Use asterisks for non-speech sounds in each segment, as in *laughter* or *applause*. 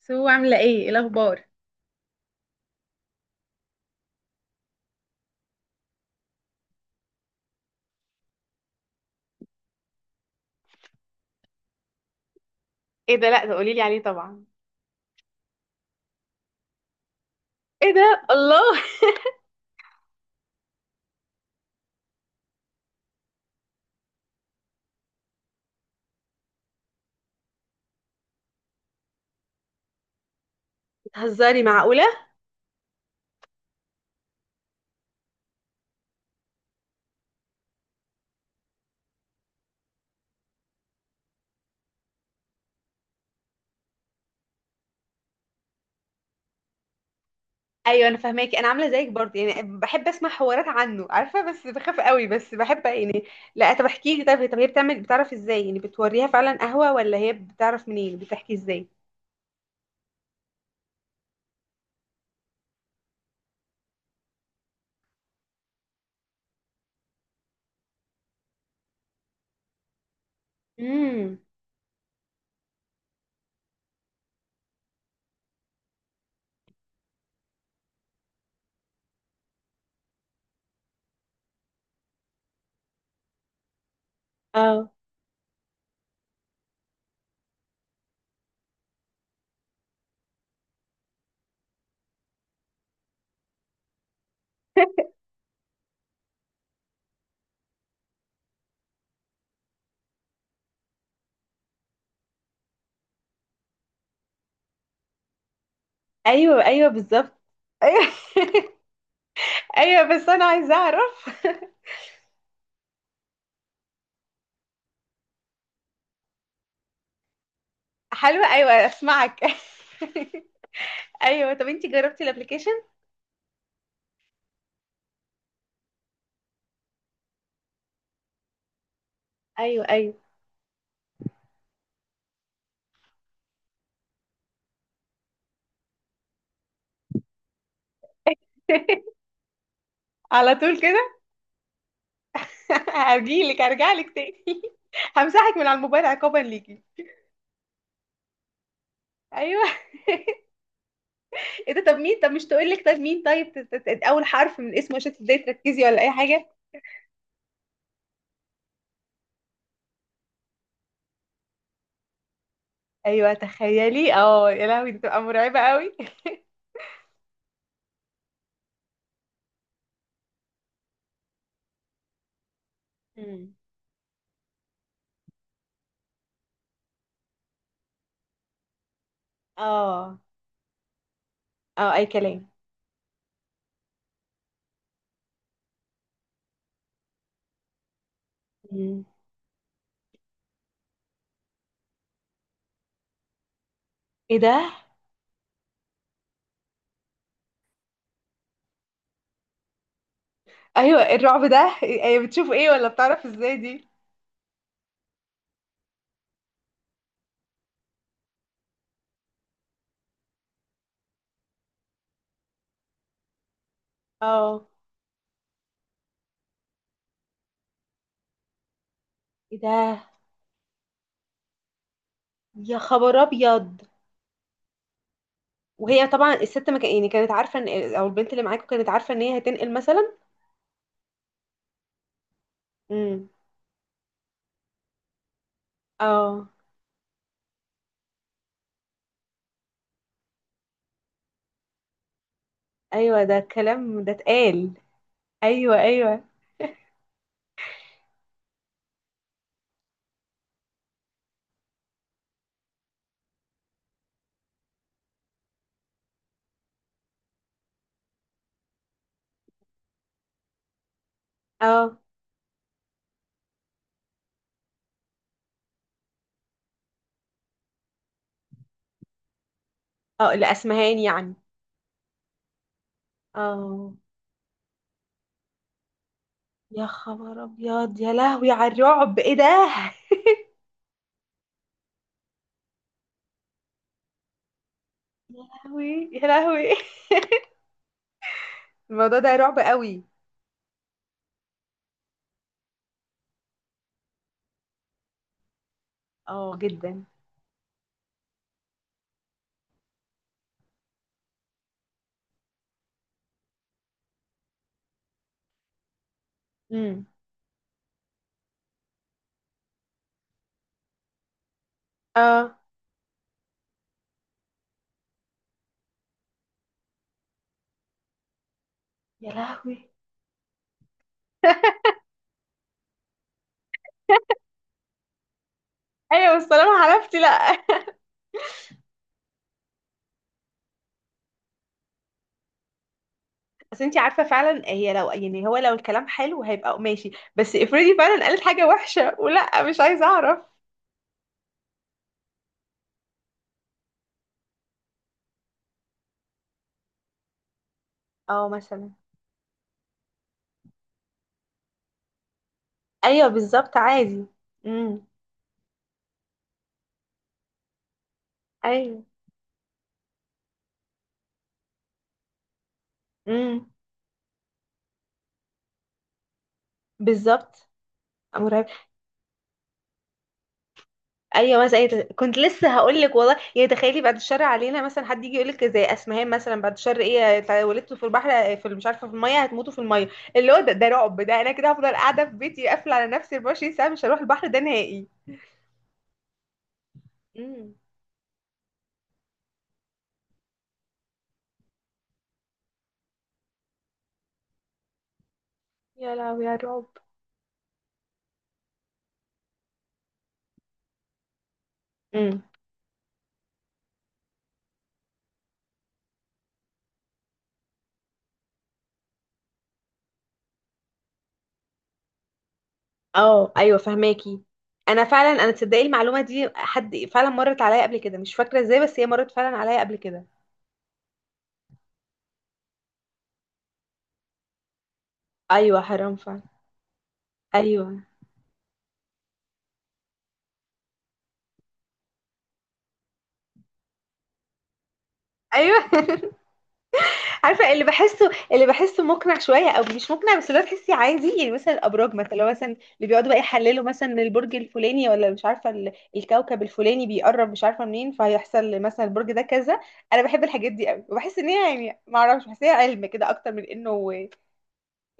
سو عاملة ايه الأخبار؟ ايه ده، لا ده قولي لي عليه طبعا. ايه ده، الله. *laughs* بتهزري؟ معقوله؟ ايوه انا فاهماكي، انا عامله زيك برضه، يعني بحب اسمع حوارات عنه، عارفه، بس بخاف قوي، بس بحب يعني. لا طب احكي لي، طب هي بتعمل، بتعرف ازاي يعني؟ بتوريها فعلا قهوه ولا هي بتعرف منين؟ يعني بتحكي ازاي؟ امم. اه. *laughs* ايوه ايوه بالظبط. ايوه. *laughs* ايوه بس انا عايزه اعرف. *laughs* حلوه، ايوه اسمعك. *laughs* ايوه، طب انتي جربتي الابلكيشن؟ ايوه ايوه. *laughs* على طول كده. *laughs* هرجع لك تاني. *laughs* همسحك من على الموبايل عقابا ليكي. ايوه. *laughs* ايه ده، طب مين طب مش تقول لك طب مين، طيب اول حرف من اسمه عشان تبداي تركزي ولا اي حاجه؟ ايوه تخيلي، اه يا لهوي، دي بتبقى مرعبه قوي. *laughs* مم. اه اه، اي كلام. مم. ايه ده. ايوه، الرعب ده إيه؟ بتشوف ايه ولا بتعرف ازاي دي؟ اه، ايه ده، يا خبر ابيض. وهي طبعا الست، ما كان يعني، كانت عارفه ان، او البنت اللي معاكم كانت عارفه ان هي هتنقل مثلا؟ امم. اه ايوه، ده الكلام ده اتقال؟ ايوه ايوه. اه اه، لاسمهان يعني. اه، يا خبر ابيض، يا لهوي على الرعب، ايه ده. يا لهوي يا لهوي. *laughs* الموضوع ده رعب قوي. اه جدا. امم. اه. يا لهوي. *laughs* ايوه بس طالما عرفتي، لا. بس انت عارفه فعلا هي لو يعني هو لو الكلام حلو هيبقى ماشي، بس افرضي فعلا قالت حاجه وحشه، ولا مش عايزه اعرف. اه مثلا. ايوه بالظبط، عادي. امم. ايوه. امم. بالظبط. مرعب. ايوه مثلا. أي كنت لسه هقول لك والله. يعني تخيلي بعد الشر علينا، مثلا حد يجي يقول لك زي اسمهان، مثلا بعد الشر ايه، ولدتوا في البحر، في مش عارفه، في الميه هتموتوا، في الميه. اللي هو ده رعب، ده انا كده هفضل قاعده في بيتي، قافله على نفسي 24 ساعه، مش هروح البحر ده نهائي. امم. يا لهوي، يا رعب. امم. اه ايوه فهماكي. انا تصدقي المعلومه دي حد فعلا مرت عليا قبل كده، مش فاكره ازاي، بس هي مرت فعلا عليا قبل كده. ايوه حرام فعلا. ايوه ايوه. *laughs* عارفه، اللي بحسه مقنع شويه او مش مقنع، بس اللي هو تحسي عادي يعني. مثلا الابراج، مثلا لو مثلا اللي بيقعدوا بقى يحللوا مثلا إن البرج الفلاني، ولا مش عارفه الكوكب الفلاني بيقرب، مش عارفه منين، فهيحصل مثلا البرج ده كذا. انا بحب الحاجات دي قوي، وبحس ان هي يعني، ما اعرفش، بحس إن هي علم كده اكتر من انه،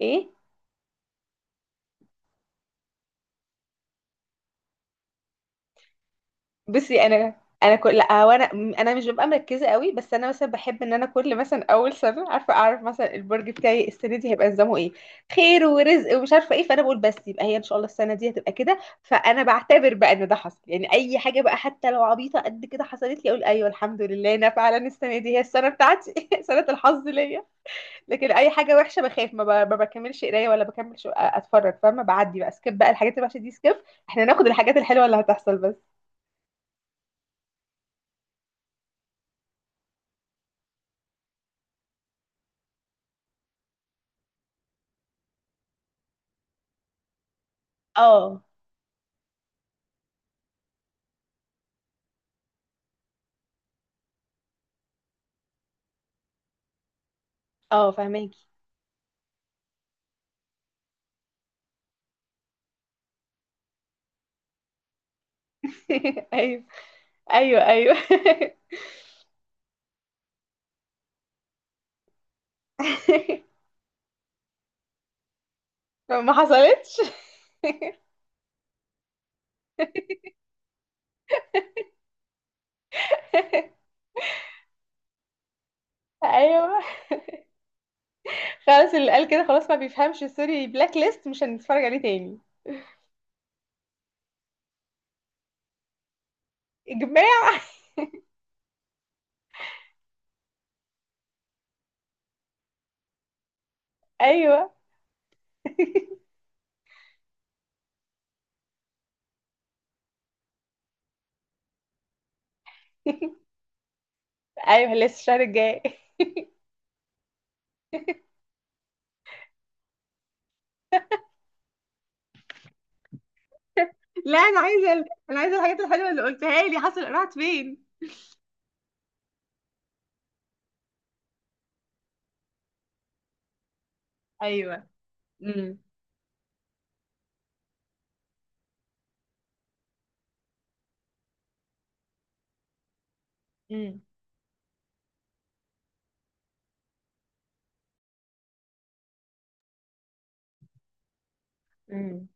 ايه. بصي انا كل، لا هو انا مش ببقى مركزه قوي، بس انا مثلا بحب ان انا كل مثلا اول سنه عارفه اعرف مثلا البرج بتاعي السنه دي هيبقى نظامه ايه، خير ورزق ومش عارفه ايه، فانا بقول بس يبقى هي ان شاء الله السنه دي هتبقى كده، فانا بعتبر بقى ان ده حصل، يعني اي حاجه بقى حتى لو عبيطه قد كده حصلت لي، اقول ايوه الحمد لله، انا فعلا السنه دي هي السنه بتاعتي. *laughs* سنه الحظ ليا. لكن اي حاجه وحشه بخاف، ما بكملش قرايه، ولا بكملش اتفرج، فاهمه؟ بعدي بقى سكيب، بقى الحاجات الوحشه دي سكيب، احنا ناخد الحاجات الحلوه اللي هتحصل بس. اه اه فهماكي. *laughs* ايوه ايوه ايوه. *laughs* ما حصلتش. *laughs* ايوه، خلاص اللي قال كده خلاص ما بيفهمش، سوري، بلاك ليست، مش هنتفرج عليه تاني. يا جماعه. ايوه. *laughs* ايوه، لسه الشهر الجاي. *laughs* لا انا عايزه الحاجات الحلوه اللي قلتها لي حصل، راحت فين؟ ايوه. امم. امم. امم.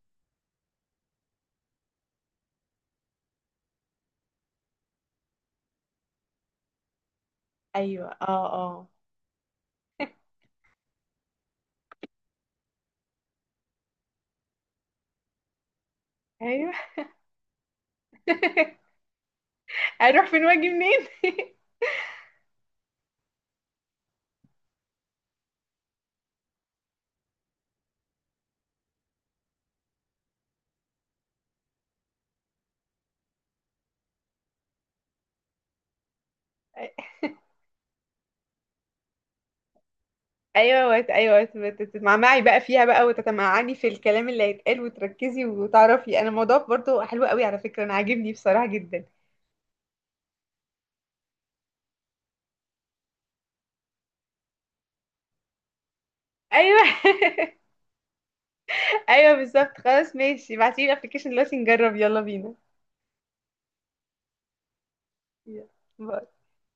ايوه. اه اه. ايوه. *laughs* هنروح فين واجي منين؟ *laughs* ايوه، ايوه، تتمعمعي بقى فيها بقى، وتتمعني في الكلام اللي هيتقال، وتركزي وتعرفي. انا الموضوع برضو حلو قوي على فكره، انا عاجبني بصراحه جدا. ايوه. *laughs* ايوه بالظبط، خلاص ماشي، ابعتيلي الابلكيشن دلوقتي نجرب، يلا بينا. يلا. باي.